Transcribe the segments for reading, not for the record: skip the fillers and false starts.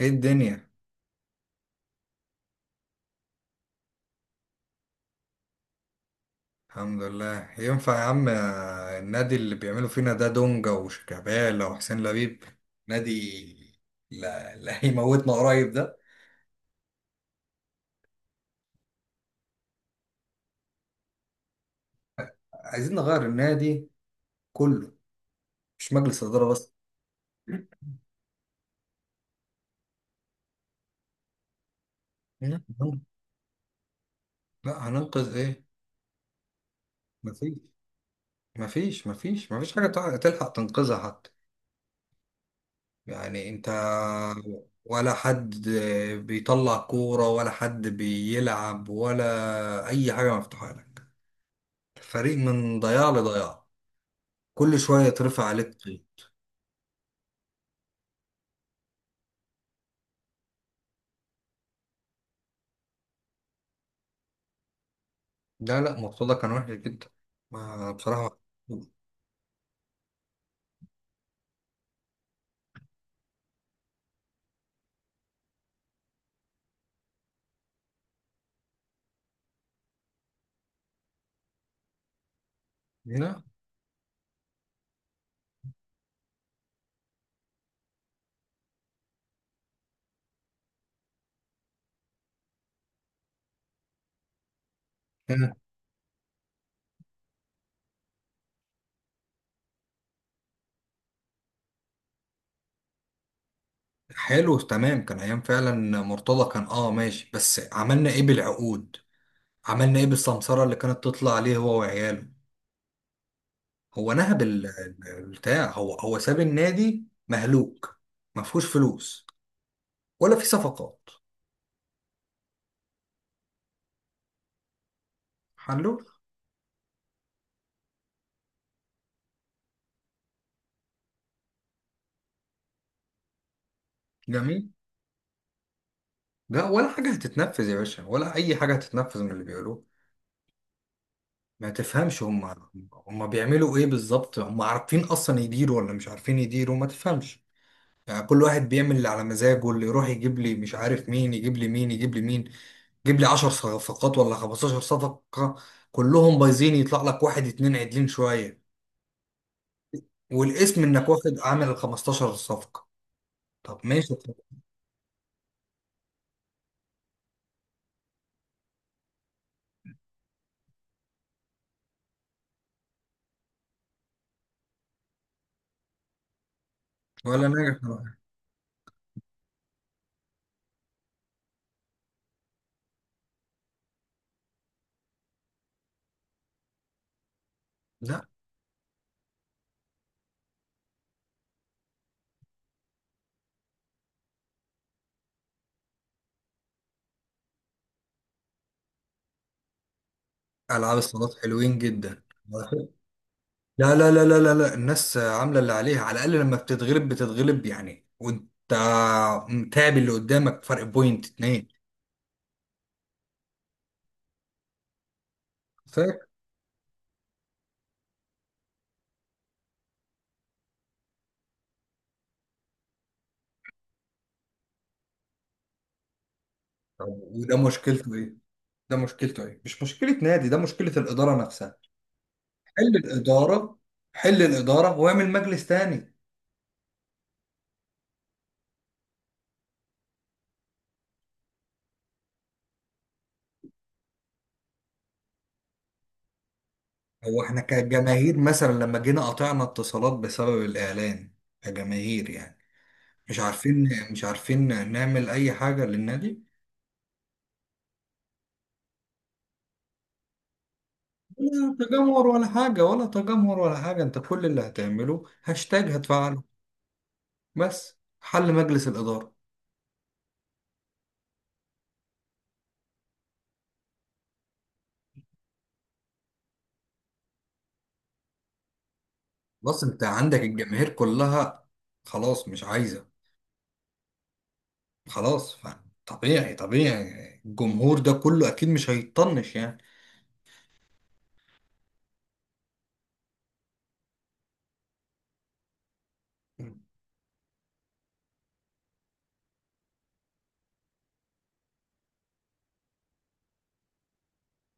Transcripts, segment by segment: ايه الدنيا؟ الحمد لله. ينفع يا عم النادي اللي بيعملوا فينا ده دونجا وشيكابالا وحسين لبيب نادي. لا, لا هيموتنا قريب ده. عايزين نغير النادي كله، مش مجلس إدارة بس. لا لا، هننقذ ايه؟ مفيش مفيش مفيش مفيش حاجة تلحق تنقذها حتى. يعني انت ولا حد بيطلع كورة ولا حد بيلعب ولا أي حاجة مفتوحة لك. الفريق من ضياع لضياع. كل شوية يترفع عليك طين. لا لا مرتضى كان وحش جدا. ما بصراحة. لا كان حلو، تمام كان أيام فعلا. مرتضى كان ماشي، بس عملنا ايه بالعقود؟ عملنا ايه بالسمسرة اللي كانت تطلع عليه هو وعياله؟ هو نهب البتاع، هو ساب النادي مهلوك. ما فيهوش فلوس ولا في صفقات. حلو. جميل. لا ولا حاجة هتتنفذ يا باشا، ولا أي حاجة هتتنفذ من اللي بيقولوه. ما تفهمش هم. هم بيعملوا ايه بالظبط؟ هم عارفين اصلا يديروا ولا مش عارفين يديروا؟ ما تفهمش. يعني كل واحد بيعمل اللي على مزاجه، اللي يروح يجيب لي مش عارف مين، يجيب لي مين، يجيب لي مين، يجيب لي 10 صفقات ولا 15 صفقة. كلهم بايظين، يطلع لك واحد اتنين عدلين شوية والاسم انك واخد عامل ال 15 صفقة. طب ماشي طب. ولا ناجح لا. العاب الصالات حلوين جدا. لا لا لا لا لا لا الناس عامله اللي عليها، على الاقل لما بتتغلب بتتغلب يعني، وانت متعب اللي قدامك فرق بوينت اتنين. فاك. طب وده مشكلته ايه؟ ده مشكلته ايه؟ مش مشكله نادي، ده مشكله الاداره نفسها. حل الاداره. حل الاداره واعمل مجلس تاني. هو احنا كجماهير مثلا لما جينا قطعنا اتصالات بسبب الاعلان، كجماهير يعني، مش عارفين نعمل اي حاجه للنادي. لا تجمهر ولا حاجة، ولا تجمهر ولا حاجة. انت كل اللي هتعمله هاشتاج هتفعله، بس حل مجلس الإدارة. بس انت عندك الجماهير كلها خلاص مش عايزة. خلاص طبيعي طبيعي الجمهور ده كله أكيد مش هيطنش يعني.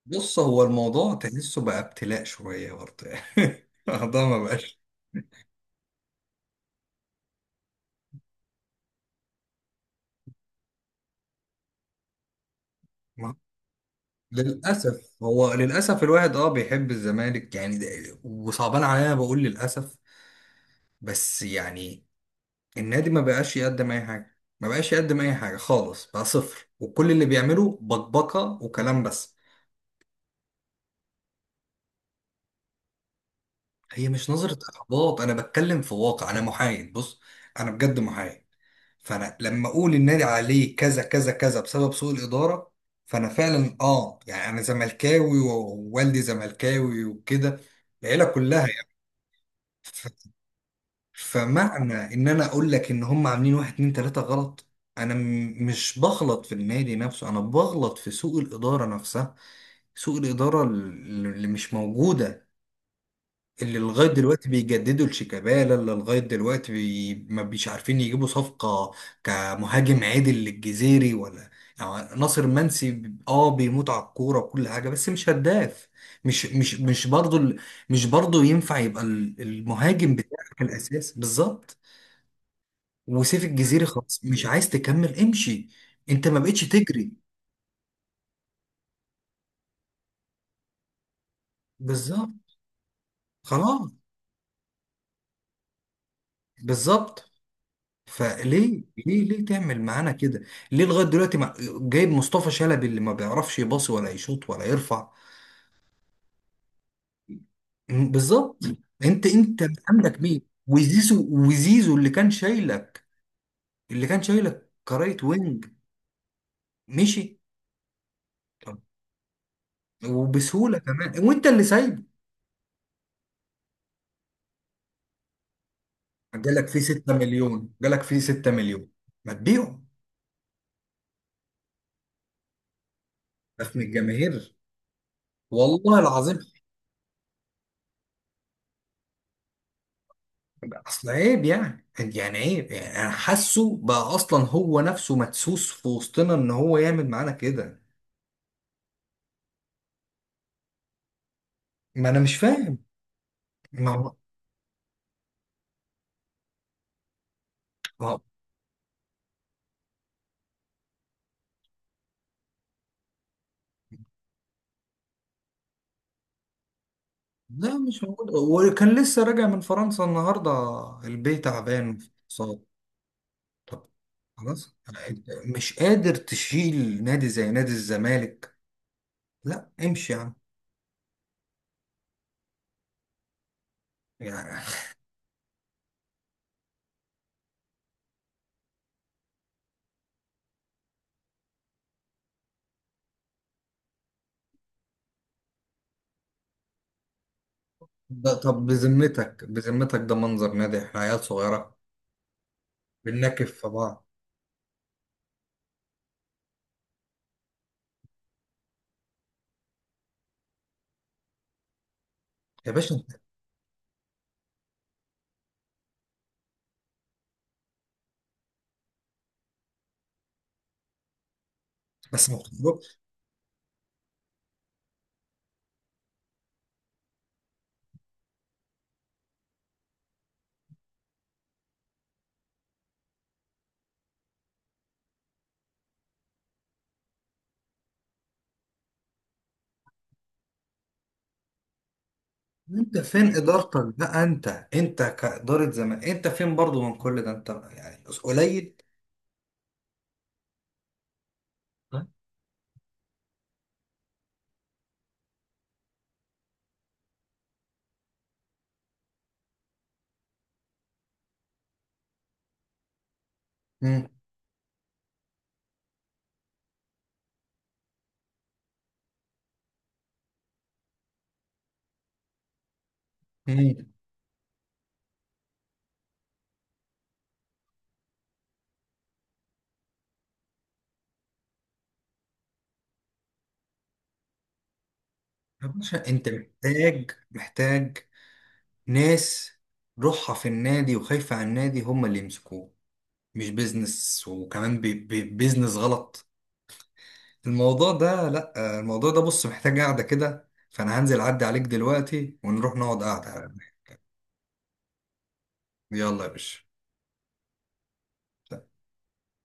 بص هو الموضوع تحسه بقى ابتلاء شوية برضه يعني الموضوع ما بقاش ما- للأسف. هو للأسف الواحد بيحب الزمالك يعني، وصعبان عليا بقول للأسف، بس يعني النادي ما بقاش يقدم اي حاجه، ما بقاش يقدم اي حاجه خالص، بقى صفر، وكل اللي بيعمله بكبكه وكلام بس. هي مش نظره احباط، انا بتكلم في واقع، انا محايد بص. انا بجد محايد. فانا لما اقول النادي عليه كذا كذا كذا بسبب سوء الاداره، فانا فعلا يعني انا زملكاوي ووالدي زملكاوي وكده، العيله كلها يعني. فمعنى ان انا اقول لك ان هم عاملين واحد اتنين تلاتة غلط، انا مش بغلط في النادي نفسه، انا بغلط في سوء الادارة نفسها، سوء الإدارة اللي مش موجودة، اللي لغاية دلوقتي بيجددوا لشيكابالا، اللي لغاية دلوقتي ما بيش عارفين يجيبوا صفقة كمهاجم عادل للجزيري ولا. يعني ناصر منسي بيموت على الكورة وكل حاجة، بس مش هداف. مش برضه مش برضه ينفع يبقى المهاجم بتاعك الأساسي بالظبط. وسيف الجزيري خلاص مش عايز تكمل، امشي، انت ما بقتش تجري. بالظبط. خلاص. بالظبط. فليه ليه ليه تعمل معانا كده؟ ليه لغايه دلوقتي ما جايب مصطفى شلبي اللي ما بيعرفش يباصي ولا يشوط ولا يرفع؟ بالظبط. انت عندك مين؟ وزيزو، وزيزو اللي كان شايلك، اللي كان شايلك كرايت وينج، مشي. طب وبسهوله كمان، وانت اللي سايبه، جالك فيه 6 مليون، جالك فيه 6 مليون، ما تبيعه. ده من الجماهير والله العظيم. اصل عيب يعني، يعني عيب، يعني انا حاسه بقى اصلا هو نفسه مدسوس في وسطنا ان هو يعمل معانا كده. ما انا مش فاهم. ما هو ما هو- لا مش موجود، وكان لسه راجع من فرنسا النهارده. البيت تعبان في الاقتصاد. طب خلاص، أنت مش قادر تشيل نادي زي نادي الزمالك، لا امشي يا عم يعني. ده طب بذمتك، بذمتك ده منظر نادي؟ احنا عيال صغيره بننكف في بعض. يا باشا انت بس، ما انت فين ادارتك بقى؟ انت كاداره زمان، انت فين برضو من كل ده؟ انت يعني قليل. طيب. مم. مم. يا باشا انت محتاج، محتاج ناس روحها في النادي وخايفة على النادي هم اللي يمسكوه، مش بيزنس، وكمان بي بي بيزنس غلط. الموضوع ده، لا الموضوع ده بص محتاج قعدة كده، فانا هنزل اعدي عليك دلوقتي ونروح نقعد قعدة. يلا يا باشا.